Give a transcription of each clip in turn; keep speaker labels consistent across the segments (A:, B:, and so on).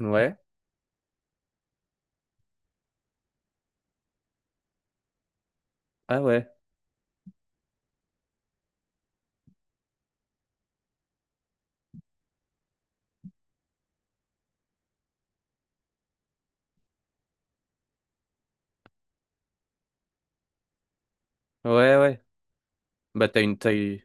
A: Ouais. Ah ouais. Ouais, ouais. Bah t'as une taille.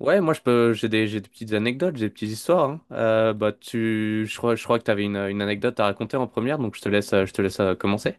A: Ouais, moi je peux. J'ai des petites anecdotes, j'ai des petites histoires, hein. Bah tu. Je crois que t'avais une anecdote à raconter en première, donc je te laisse commencer.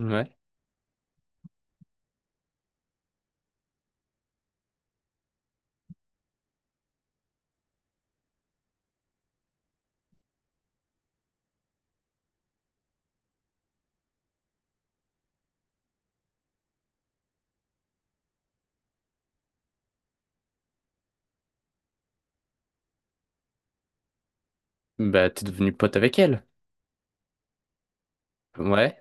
A: Ouais. Bah t'es devenu pote avec elle. Ouais.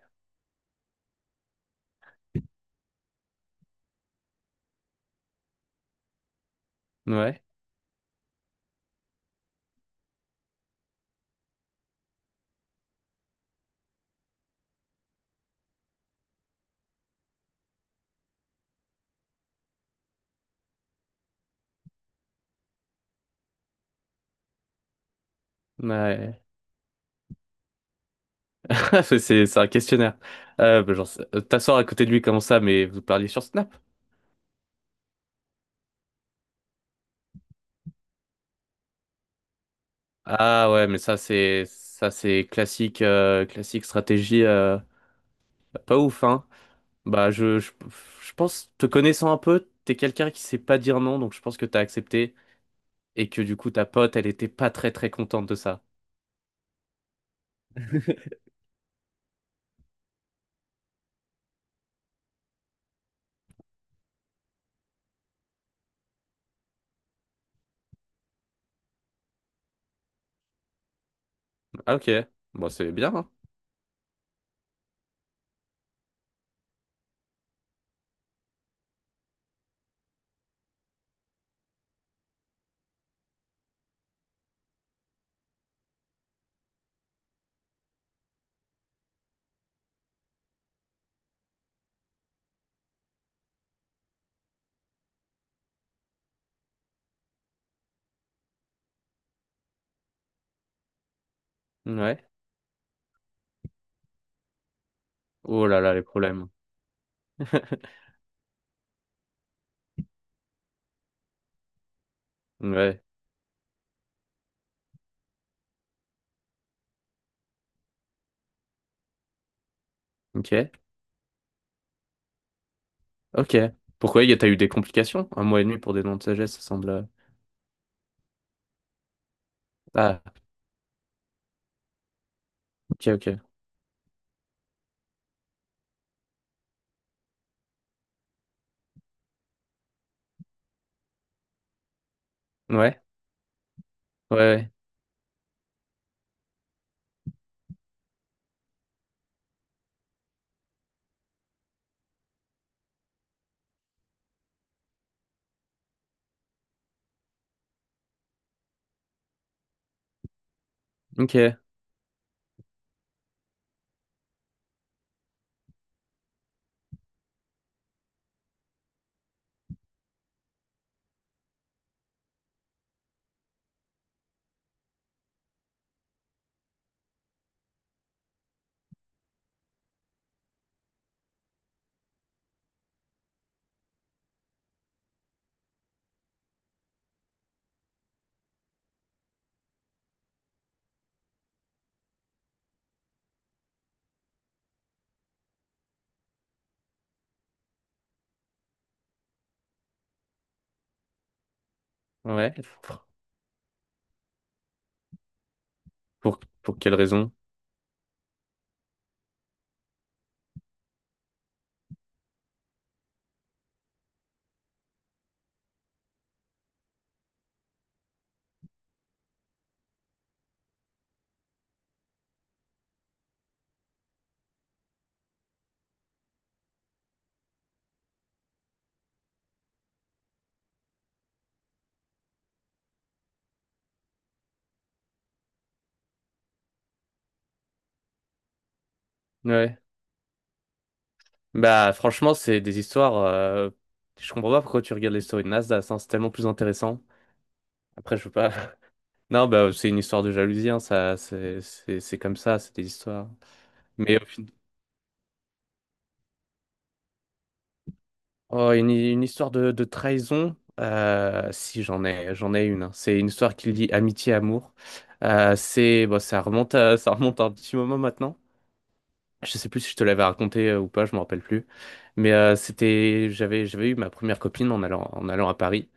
A: Ouais. Ouais. C'est c'est un questionnaire. Bah, genre, t'asseoir à côté de lui, comment ça, mais vous parliez sur Snap? Ah ouais, mais ça c'est classique stratégie, pas ouf, hein. Bah, je pense, te connaissant un peu, t'es quelqu'un qui sait pas dire non, donc je pense que t'as accepté et que du coup ta pote elle était pas très très contente de ça. Ah, ok, bon c'est bien, hein. Ouais. Oh là là, les problèmes. Ouais. Ok. Ok. Pourquoi t'as eu des complications? Un mois et demi pour des noms de sagesse, ça semble... Ah ok, ok. Ouais. Ouais. Ouais. Ok. Ouais. Pour quelle raison? Ouais. Bah, franchement, c'est des histoires... Je comprends pas pourquoi tu regardes les stories de Nasdaq, hein, c'est tellement plus intéressant. Après, je veux pas. Non, bah, c'est une histoire de jalousie, hein, ça, c'est comme ça, c'est des histoires. Mais au fin- oh, une histoire de, trahison, si, j'en ai une, hein. C'est une histoire qui lie amitié, amour. Bon, ça remonte à un petit moment maintenant. Je sais plus si je te l'avais raconté, ou pas, je me rappelle plus. J'avais eu ma première copine en allant à Paris.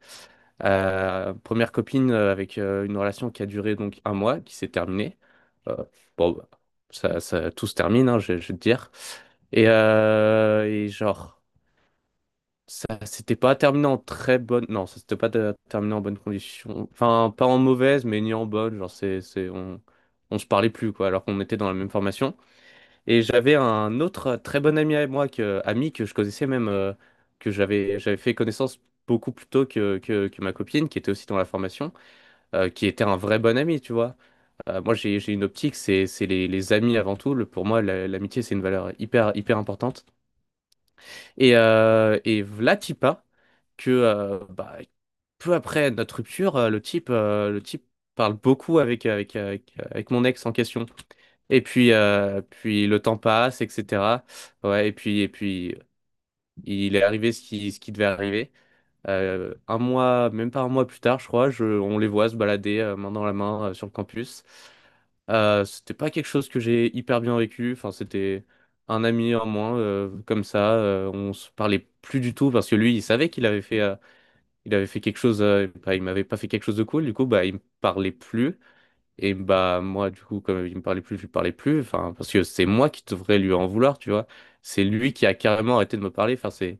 A: Première copine, avec une relation qui a duré donc un mois, qui s'est terminée. Euh, bon, bah, ça, tout se termine, hein, je vais te dire. Et genre, ça s'était pas terminé en très bonne... Non, ça s'était pas terminé en bonne condition. Enfin, pas en mauvaise, mais ni en bonne. Genre, on se parlait plus, quoi, alors qu'on était dans la même formation. Et j'avais un autre très bon ami avec moi, ami que je connaissais, même, que j'avais fait connaissance beaucoup plus tôt que ma copine, qui était aussi dans la formation, qui était un vrai bon ami, tu vois. Moi, j'ai une optique, c'est les amis avant tout. Pour moi, l'amitié, c'est une valeur hyper, hyper importante. Et v'là Tipa, que bah, peu après notre rupture, le type parle beaucoup avec mon ex en question. Et puis le temps passe, etc. Ouais, et puis, il est arrivé ce qui devait arriver. Un mois, même pas un mois plus tard, je crois, on les voit se balader, main dans la main, sur le campus. C'était pas quelque chose que j'ai hyper bien vécu. Enfin, c'était un ami en moins, comme ça. On se parlait plus du tout parce que lui, il savait qu'il avait fait quelque chose. Bah, il m'avait pas fait quelque chose de cool. Du coup, bah, il me parlait plus. Et bah, moi, du coup, comme il me parlait plus, je lui parlais plus. Enfin, parce que c'est moi qui devrais lui en vouloir, tu vois. C'est lui qui a carrément arrêté de me parler. Enfin, c'est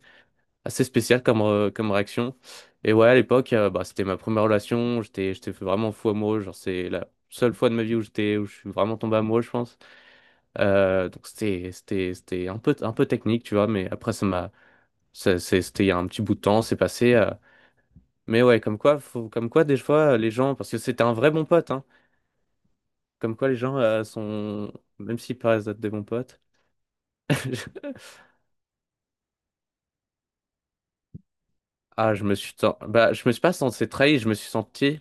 A: assez spécial comme réaction. Et ouais, à l'époque, bah, c'était ma première relation. J'étais vraiment fou amoureux. Genre, c'est la seule fois de ma vie où où je suis vraiment tombé amoureux, je pense. Donc, c'était un peu technique, tu vois. Mais après, ça m'a, ça- c'est- c'était il y a un petit bout de temps, c'est passé. Mais ouais, comme quoi, comme quoi, des fois, les gens, parce que c'était un vrai bon pote, hein, comme quoi les gens sont, même s'ils paraissent être des bons potes. Ah, je me suis bah, je me suis pas senti trahi, je me suis senti...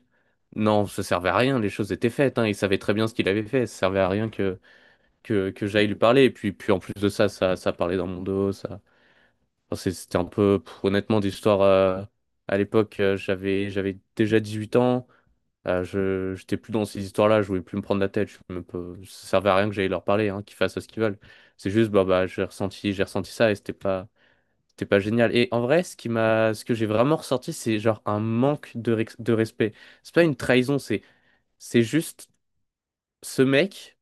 A: Non, ça servait à rien, les choses étaient faites, hein. Il savait très bien ce qu'il avait fait, ça servait à rien que j'aille lui parler. Et puis en plus de ça parlait dans mon dos, ça. Enfin, c'était un peu, pff, honnêtement, d'histoire. À l'époque, j'avais déjà 18 ans, j'étais plus dans ces histoires-là, je voulais plus me prendre la tête, ça servait à rien que j'aille leur parler, hein, qu'ils fassent ce qu'ils veulent. C'est juste, bah, j'ai ressenti ça et c'était pas... T'es pas génial. Et en vrai, ce que j'ai vraiment ressorti, c'est genre un manque de, de respect. C'est pas une trahison, c'est juste ce mec...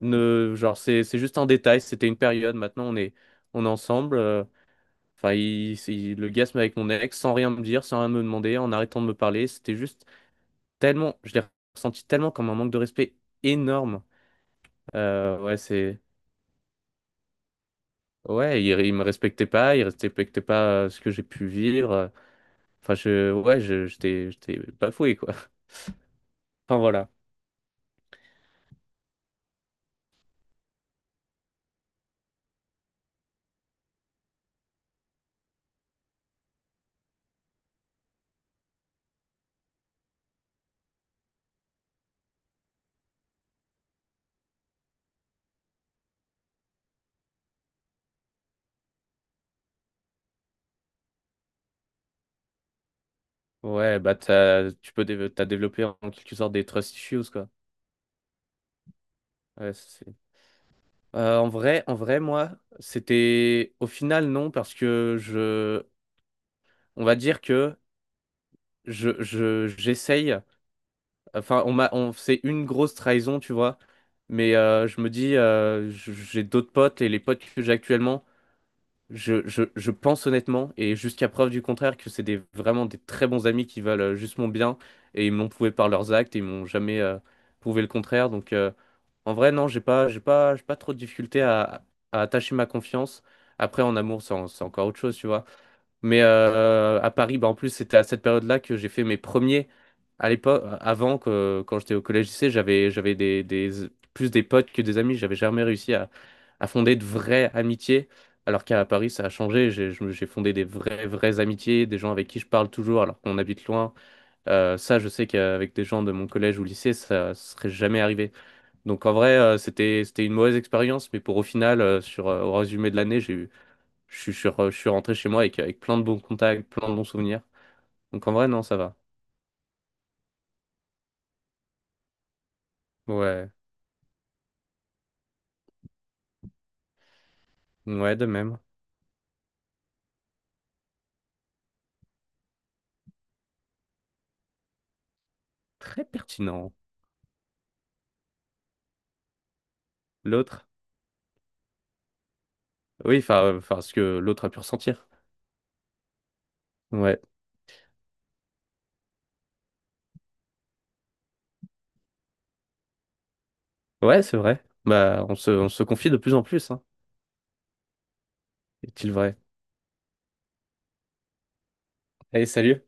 A: ne, Genre c'est juste un détail. C'était une période. Maintenant, on est ensemble. Enfin, le gars se met avec mon ex sans rien me dire, sans rien me demander, en arrêtant de me parler. C'était juste tellement... Je l'ai ressenti tellement comme un manque de respect énorme. Ouais, ouais, il me respectait pas, il respectait pas, ce que j'ai pu vivre. Enfin, ouais, j'étais bafoué, quoi. Enfin voilà. Ouais, t'as développé en quelque sorte des trust issues, quoi. Ouais, en vrai, moi, c'était au final non parce que on va dire que j'essaye. Enfin, c'est une grosse trahison, tu vois. Mais je me dis, j'ai d'autres potes et les potes que j'ai actuellement. Je pense honnêtement, et jusqu'à preuve du contraire, que c'est vraiment des très bons amis qui valent, juste mon bien, et ils me l'ont prouvé par leurs actes, et ils m'ont jamais, prouvé le contraire. Donc, en vrai, non, j'ai pas trop de difficulté à attacher ma confiance. Après, en amour, c'est encore autre chose, tu vois. Mais à Paris, bah, en plus, c'était à cette période-là que j'ai fait mes premiers. À l'époque, quand j'étais au collège-lycée, j'avais plus des potes que des amis. J'avais jamais réussi à fonder de vraies amitiés. Alors qu'à Paris, ça a changé. J'ai fondé des vraies, vraies amitiés, des gens avec qui je parle toujours alors qu'on habite loin. Ça, je sais qu'avec des gens de mon collège ou lycée, ça serait jamais arrivé. Donc en vrai, c'était, c'était une mauvaise expérience. Mais pour au final, au résumé de l'année, j'ai eu je suis, je je suis rentré chez moi avec plein de bons contacts, plein de bons souvenirs. Donc en vrai, non, ça va. Ouais, ouais, de même. Très pertinent. L'autre... oui, enfin, enfin, ce que l'autre a pu ressentir. Ouais, ouais, c'est vrai. Bah, on se confie de plus en plus, hein. Est-il vrai? Allez, salut.